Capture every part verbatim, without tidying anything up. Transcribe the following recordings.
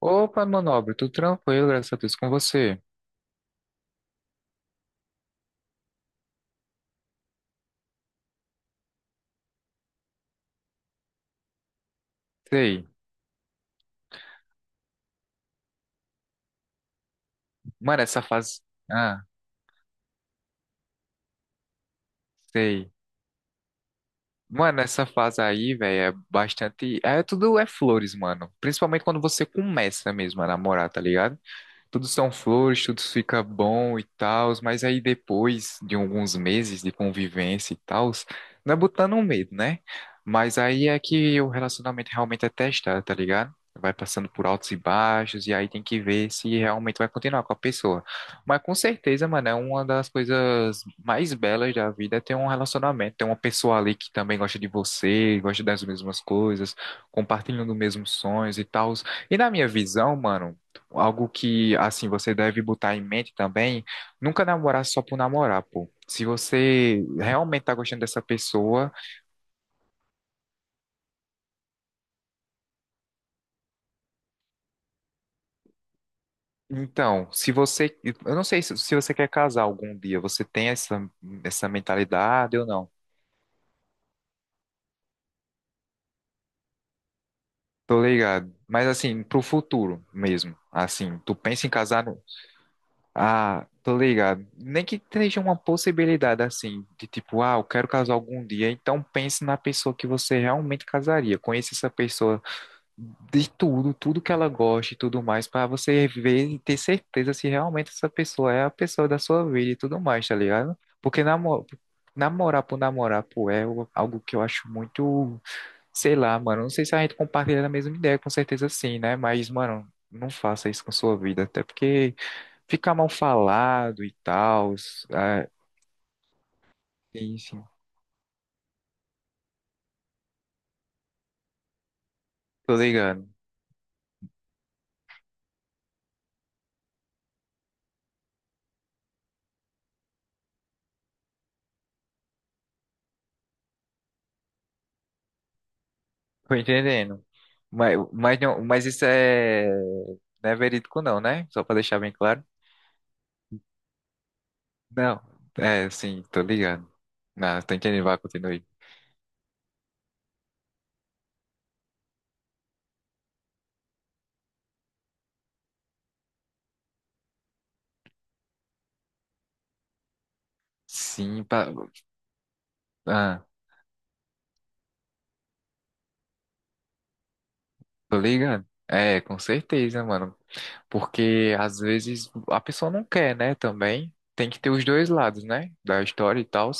Opa, meu nobre, tudo tranquilo, graças a Deus, com você. Sei. Mano, essa fase. Ah, sei. Mano, essa fase aí, velho, é bastante. É tudo é flores, mano. Principalmente quando você começa mesmo a namorar, tá ligado? Tudo são flores, tudo fica bom e tal, mas aí depois de alguns meses de convivência e tal, não é botando um medo, né? Mas aí é que o relacionamento realmente é testado, tá ligado? Vai passando por altos e baixos, e aí tem que ver se realmente vai continuar com a pessoa. Mas com certeza, mano, é uma das coisas mais belas da vida é ter um relacionamento, ter uma pessoa ali que também gosta de você, gosta das mesmas coisas, compartilhando os mesmos sonhos e tal. E na minha visão, mano, algo que, assim, você deve botar em mente também, nunca namorar só por namorar, pô. Se você realmente tá gostando dessa pessoa, então, se você, eu não sei se, se você quer casar algum dia, você tem essa, essa mentalidade ou não? Tô ligado. Mas, assim, pro futuro mesmo, assim, tu pensa em casar no... Ah, tô ligado. Nem que seja uma possibilidade, assim, de tipo, ah, eu quero casar algum dia, então pense na pessoa que você realmente casaria. Conheça essa pessoa de tudo, tudo que ela gosta e tudo mais, para você ver e ter certeza se realmente essa pessoa é a pessoa da sua vida e tudo mais, tá ligado? Porque namor namorar por namorar, pô, é o- algo que eu acho muito, sei lá, mano, não sei se a gente compartilha a mesma ideia, com certeza sim, né? Mas, mano, não faça isso com sua vida, até porque fica mal falado e tal, ah, sim, sim, tô ligado, tô entendendo. Mas, mas, não, mas isso é, não é verídico não, né? Só pra deixar bem claro. Não, é, sim, tô ligado. Não, tem que animar, continue. Sim, pa... ah, tô ligado. É, com certeza, mano. Porque às vezes a pessoa não quer, né? Também tem que ter os dois lados, né? Da história e tal.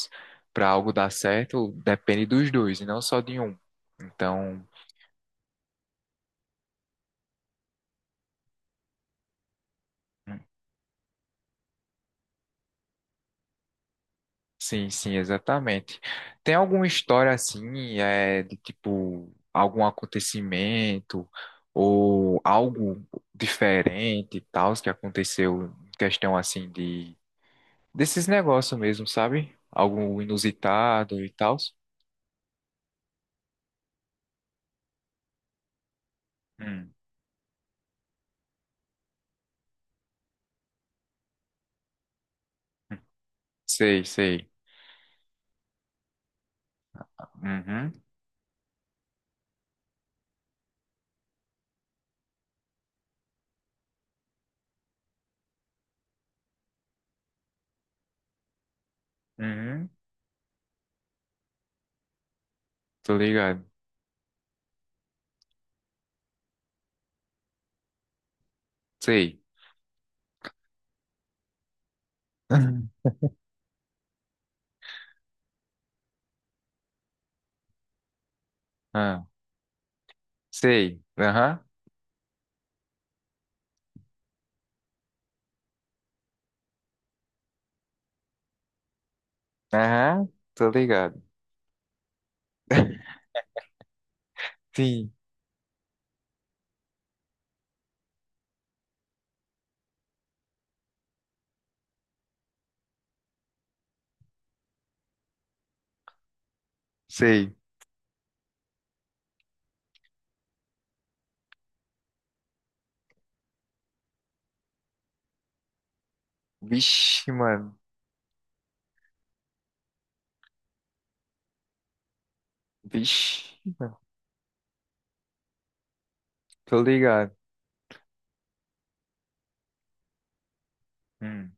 Pra algo dar certo, depende dos dois e não só de um. Então. Sim, sim, exatamente. Tem alguma história assim, é, de tipo, algum acontecimento ou algo diferente e tal que aconteceu em questão assim de desses negócios mesmo, sabe? Algo inusitado e tal? Hum, sei, sei. Uhum, uhum, tô ligado. Sei. Ah, sei. Aham, aham, tô ligado. Sim, sei. Vixe, mano. Vixe, tô ligado. Hum.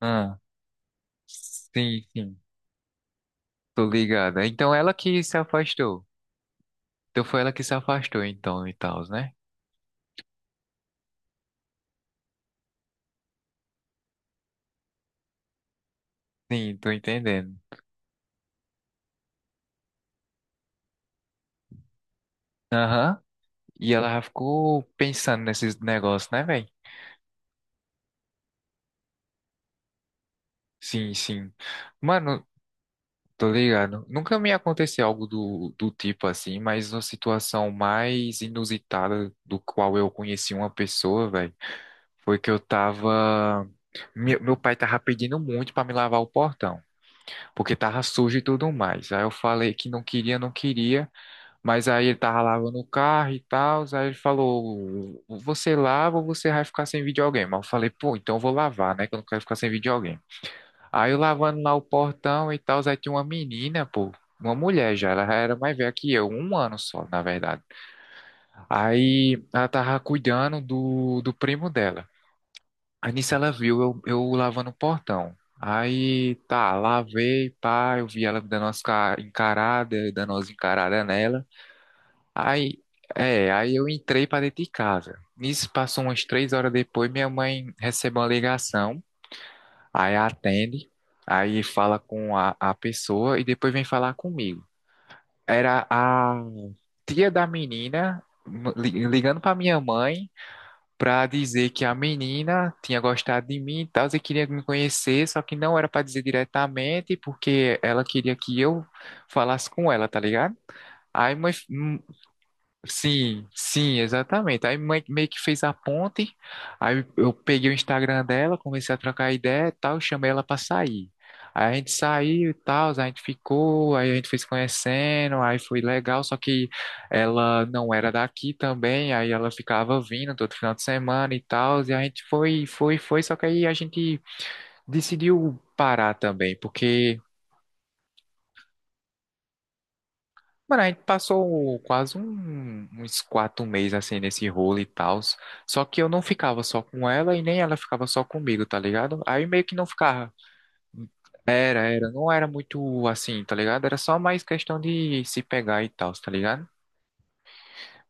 Ah, sim, sim, tô ligado. Então ela que se afastou. Então foi ela que se afastou, então, e tal, né? Sim, tô entendendo. Aham. E ela já ficou pensando nesses negócios, né, velho? Sim, sim. Mano, tô ligado. Nunca me aconteceu algo do, do tipo assim, mas uma situação mais inusitada do qual eu conheci uma pessoa, velho, foi que eu tava. Meu, meu pai tava pedindo muito pra me lavar o portão, porque tava sujo e tudo mais. Aí eu falei que não queria, não queria, mas aí ele tava lavando o carro e tal. Aí ele falou: "Você lava ou você vai ficar sem videogame?" Aí eu falei: "Pô, então eu vou lavar, né? Que eu não quero ficar sem videogame." Aí eu lavando lá o portão e tal, aí tinha uma menina, pô, uma mulher já, ela já era mais velha que eu, um ano só, na verdade. Aí ela tava cuidando do, do primo dela. Aí nisso ela viu eu, eu lavando o portão. Aí tá, lavei, pá, eu vi ela dando umas ca- encarada, dando umas encaradas nela. Aí, é, aí eu entrei pra dentro de casa. Nisso passou umas três horas depois, minha mãe recebeu uma ligação. Aí atende, aí fala com a, a pessoa e depois vem falar comigo. Era a tia da menina li- ligando para minha mãe para dizer que a menina tinha gostado de mim e tal, e queria me conhecer, só que não era para dizer diretamente, porque ela queria que eu falasse com ela, tá ligado? Aí mãe, sim, sim, exatamente. Aí mãe meio que fez a ponte. Aí eu peguei o Instagram dela, comecei a trocar ideia e tal, chamei ela pra sair. Aí a gente saiu e tal, a gente ficou, aí a gente foi se conhecendo, aí foi legal, só que ela não era daqui também, aí ela ficava vindo todo final de semana e tal, e a gente foi, foi, foi, só que aí a gente decidiu parar também, porque mano, a gente passou quase um- uns quatro meses assim nesse rolo e tal. Só que eu não ficava só com ela e nem ela ficava só comigo, tá ligado? Aí meio que não ficava. Era, era. Não era muito assim, tá ligado? Era só mais questão de se pegar e tal, tá ligado?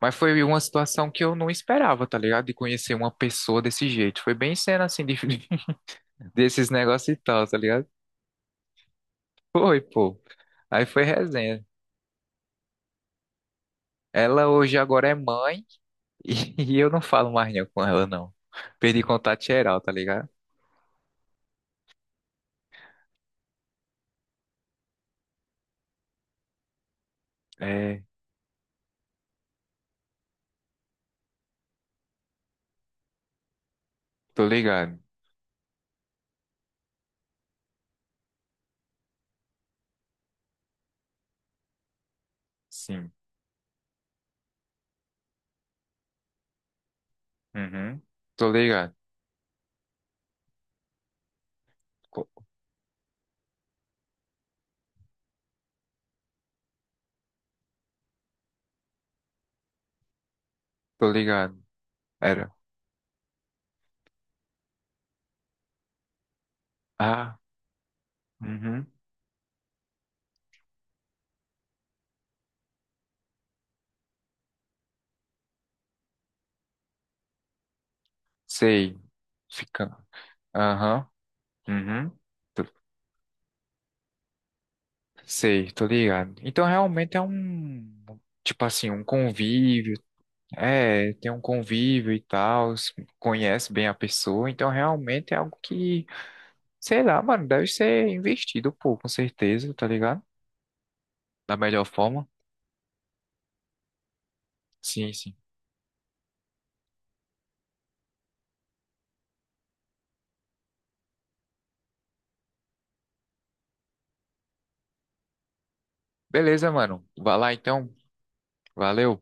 Mas foi uma situação que eu não esperava, tá ligado? De conhecer uma pessoa desse jeito. Foi bem cena assim, de- desses negócios e tal, tá ligado? Foi, pô. Aí foi resenha. Ela hoje agora é mãe. E, e eu não falo mais não com ela, não. Perdi contato geral, tá ligado? É, tô ligado. Sim. Uhum. Tô ligado. Co- Tô ligado. Era. Ah, uhum. Sei. Fica. Aham. Uhum. Tô- Sei, tô ligado. Então realmente é um. Tipo assim, um convívio. É, tem um convívio e tal. S- Conhece bem a pessoa. Então realmente é algo que. Sei lá, mano, deve ser investido, pô, com certeza, tá ligado? Da melhor forma? Sim, sim. Beleza, mano. Vai lá então. Valeu.